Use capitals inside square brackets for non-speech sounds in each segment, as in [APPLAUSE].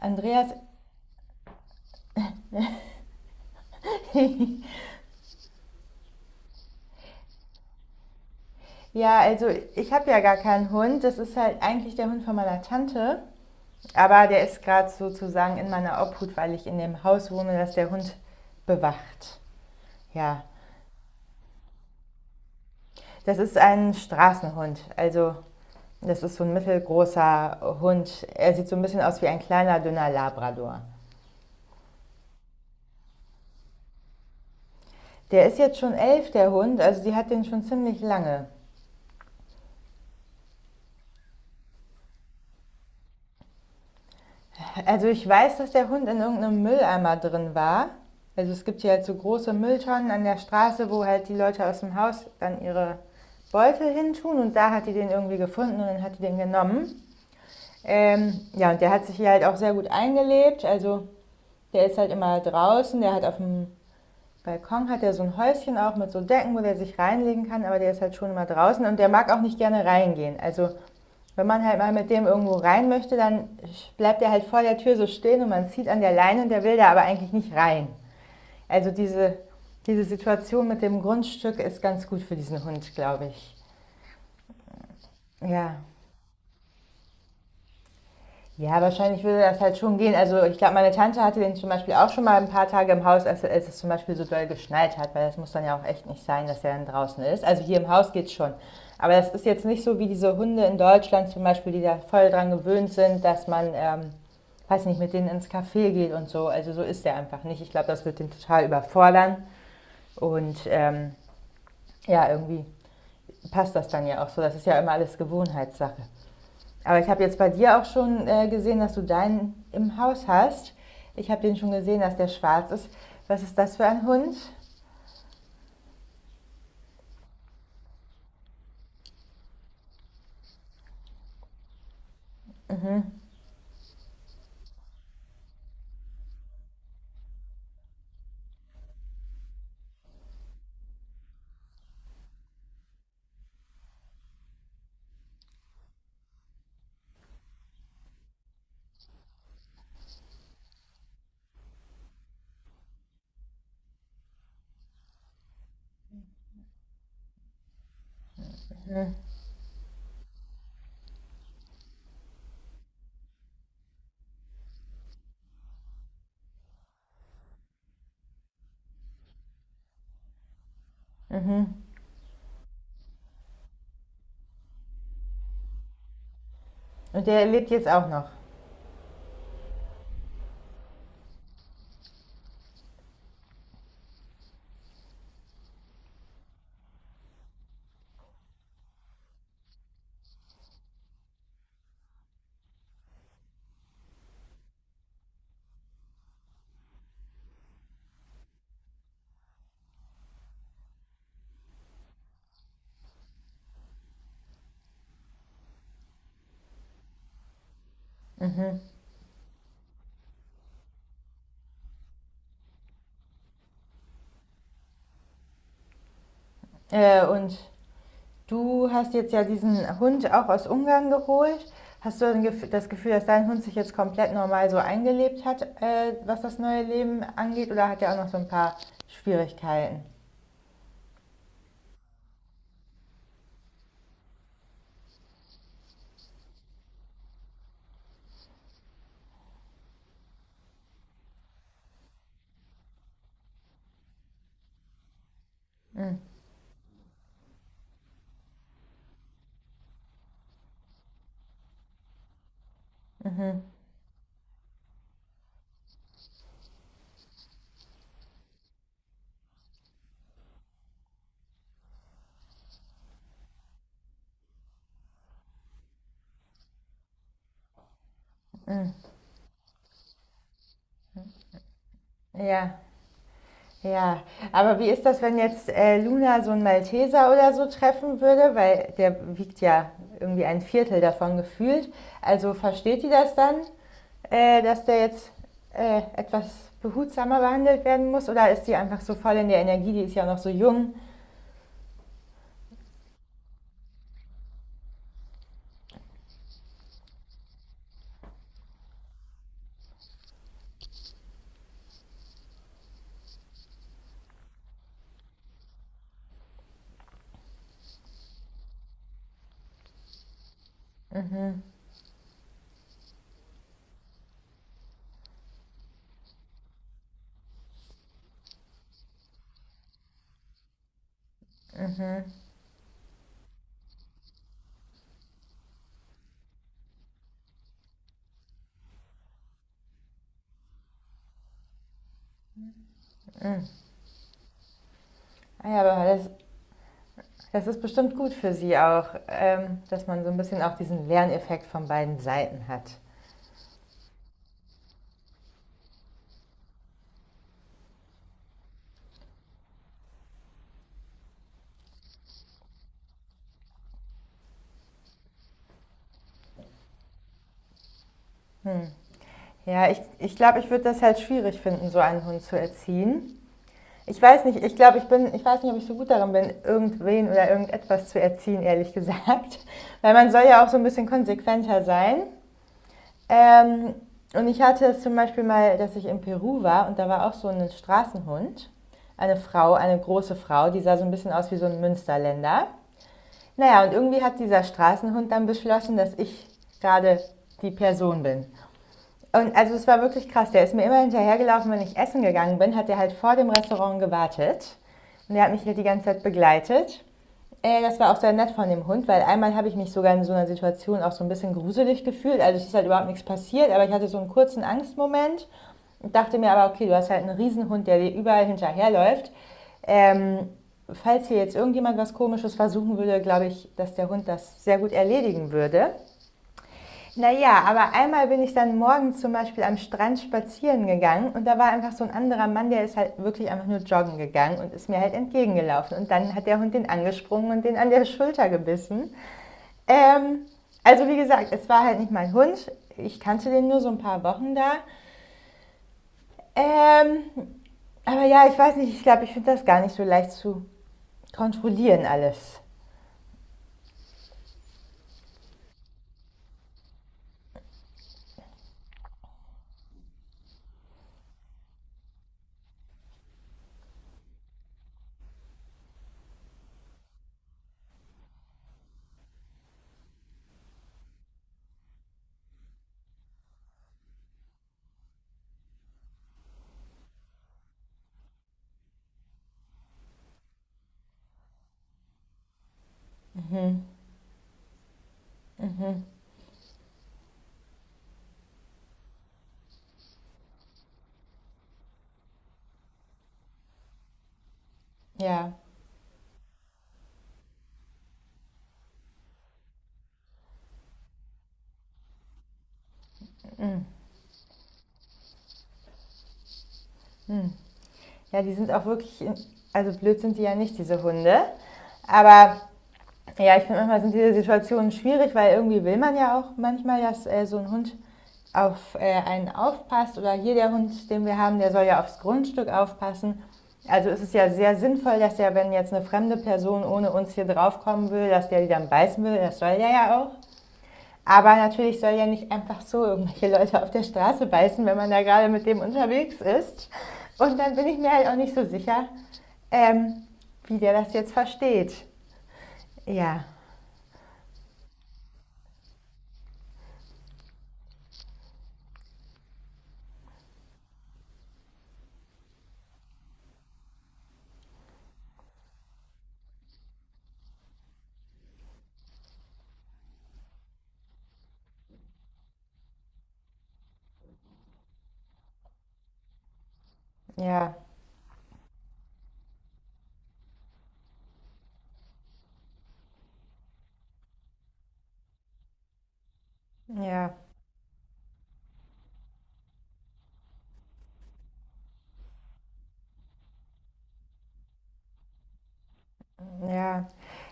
Andreas, [LAUGHS] ja, also ich habe ja gar keinen Hund. Das ist halt eigentlich der Hund von meiner Tante. Aber der ist gerade sozusagen in meiner Obhut, weil ich in dem Haus wohne, das der Hund bewacht. Ja, das ist ein Straßenhund. Also das ist so ein mittelgroßer Hund. Er sieht so ein bisschen aus wie ein kleiner, dünner Labrador. Der ist jetzt schon 11, der Hund. Also die hat den schon ziemlich lange. Also ich weiß, dass der Hund in irgendeinem Mülleimer drin war. Also es gibt hier halt so große Mülltonnen an der Straße, wo halt die Leute aus dem Haus dann ihre Beutel hintun und da hat die den irgendwie gefunden und dann hat die den genommen. Ja, und der hat sich hier halt auch sehr gut eingelebt. Also der ist halt immer draußen, der hat auf dem Balkon hat er so ein Häuschen auch mit so Decken, wo der sich reinlegen kann, aber der ist halt schon immer draußen und der mag auch nicht gerne reingehen. Also wenn man halt mal mit dem irgendwo rein möchte, dann bleibt er halt vor der Tür so stehen und man zieht an der Leine und der will da aber eigentlich nicht rein. Also diese Situation mit dem Grundstück ist ganz gut für diesen Hund, glaube ich. Ja, ja, wahrscheinlich würde das halt schon gehen. Also ich glaube, meine Tante hatte den zum Beispiel auch schon mal ein paar Tage im Haus, als es zum Beispiel so doll geschneit hat, weil das muss dann ja auch echt nicht sein, dass er dann draußen ist. Also hier im Haus geht's schon. Aber das ist jetzt nicht so wie diese Hunde in Deutschland zum Beispiel, die da voll dran gewöhnt sind, dass man, weiß nicht, mit denen ins Café geht und so. Also so ist der einfach nicht. Ich glaube, das wird den total überfordern. Und ja, irgendwie passt das dann ja auch so. Das ist ja immer alles Gewohnheitssache. Aber ich habe jetzt bei dir auch schon gesehen, dass du deinen im Haus hast. Ich habe den schon gesehen, dass der schwarz ist. Was ist das für ein Hund? Und der lebt jetzt auch noch. Und du hast jetzt ja diesen Hund auch aus Ungarn geholt. Hast du das Gefühl, dass dein Hund sich jetzt komplett normal so eingelebt hat, was das neue Leben angeht? Oder hat er auch noch so ein paar Schwierigkeiten? Ja. Ja, aber wie ist das, wenn jetzt Luna so einen Malteser oder so treffen würde? Weil der wiegt ja irgendwie ein Viertel davon gefühlt. Also versteht die das dann, dass der jetzt etwas behutsamer behandelt werden muss? Oder ist die einfach so voll in der Energie? Die ist ja auch noch so jung. Mhm. Ah ja, aber das ist bestimmt gut für sie auch, dass man so ein bisschen auch diesen Lerneffekt von beiden Seiten hat. Ja, ich glaube, ich würde das halt schwierig finden, so einen Hund zu erziehen. Ich weiß nicht, ich glaube, ich bin, ich weiß nicht, ob ich so gut darin bin, irgendwen oder irgendetwas zu erziehen, ehrlich gesagt. [LAUGHS] Weil man soll ja auch so ein bisschen konsequenter sein. Ähm, und ich hatte es zum Beispiel mal, dass ich in Peru war und da war auch so ein Straßenhund. Eine Frau, eine große Frau, die sah so ein bisschen aus wie so ein Münsterländer. Naja, und irgendwie hat dieser Straßenhund dann beschlossen, dass ich gerade die Person bin. Und also es war wirklich krass. Der ist mir immer hinterhergelaufen, wenn ich essen gegangen bin, hat er halt vor dem Restaurant gewartet. Und der hat mich halt die ganze Zeit begleitet. Das war auch sehr nett von dem Hund, weil einmal habe ich mich sogar in so einer Situation auch so ein bisschen gruselig gefühlt. Also es ist halt überhaupt nichts passiert, aber ich hatte so einen kurzen Angstmoment und dachte mir aber, okay, du hast halt einen Riesenhund, der dir überall hinterherläuft. Ähm, Falls hier jetzt irgendjemand was Komisches versuchen würde, glaube ich, dass der Hund das sehr gut erledigen würde. Naja, aber einmal bin ich dann morgens zum Beispiel am Strand spazieren gegangen und da war einfach so ein anderer Mann, der ist halt wirklich einfach nur joggen gegangen und ist mir halt entgegengelaufen. Und dann hat der Hund den angesprungen und den an der Schulter gebissen. Ähm, also wie gesagt, es war halt nicht mein Hund. Ich kannte den nur so ein paar Wochen da. Ähm, aber ja, ich weiß nicht, ich glaube, ich finde das gar nicht so leicht zu kontrollieren alles. Ja, ja, die sind auch wirklich, also blöd sind die ja nicht, diese Hunde. Aber ja, ich finde manchmal sind diese Situationen schwierig, weil irgendwie will man ja auch manchmal, dass so ein Hund auf einen aufpasst oder hier der Hund, den wir haben, der soll ja aufs Grundstück aufpassen. Also ist es ja sehr sinnvoll, dass ja, wenn jetzt eine fremde Person ohne uns hier draufkommen will, dass der die dann beißen will, das soll der ja auch. Aber natürlich soll ja nicht einfach so irgendwelche Leute auf der Straße beißen, wenn man da gerade mit dem unterwegs ist. Und dann bin ich mir halt auch nicht so sicher, ähm, wie der das jetzt versteht. Ja, ja. Ja, ja.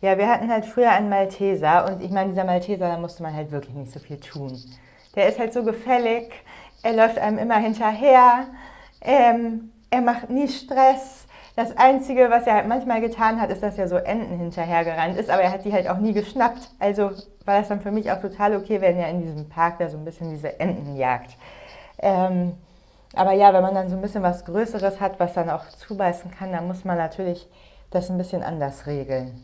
Ja, wir hatten halt früher einen Malteser und ich meine, dieser Malteser, da musste man halt wirklich nicht so viel tun. Der ist halt so gefällig, er läuft einem immer hinterher, er macht nie Stress. Das Einzige, was er halt manchmal getan hat, ist, dass er so Enten hinterhergerannt ist, aber er hat die halt auch nie geschnappt. Also war das dann für mich auch total okay, wenn er in diesem Park da so ein bisschen diese Enten jagt. Ähm, Aber ja, wenn man dann so ein bisschen was Größeres hat, was dann auch zubeißen kann, dann muss man natürlich das ein bisschen anders regeln.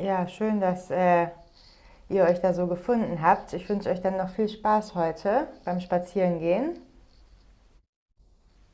Ja, schön, dass ihr euch da so gefunden habt. Ich wünsche euch dann noch viel Spaß heute beim Spazierengehen.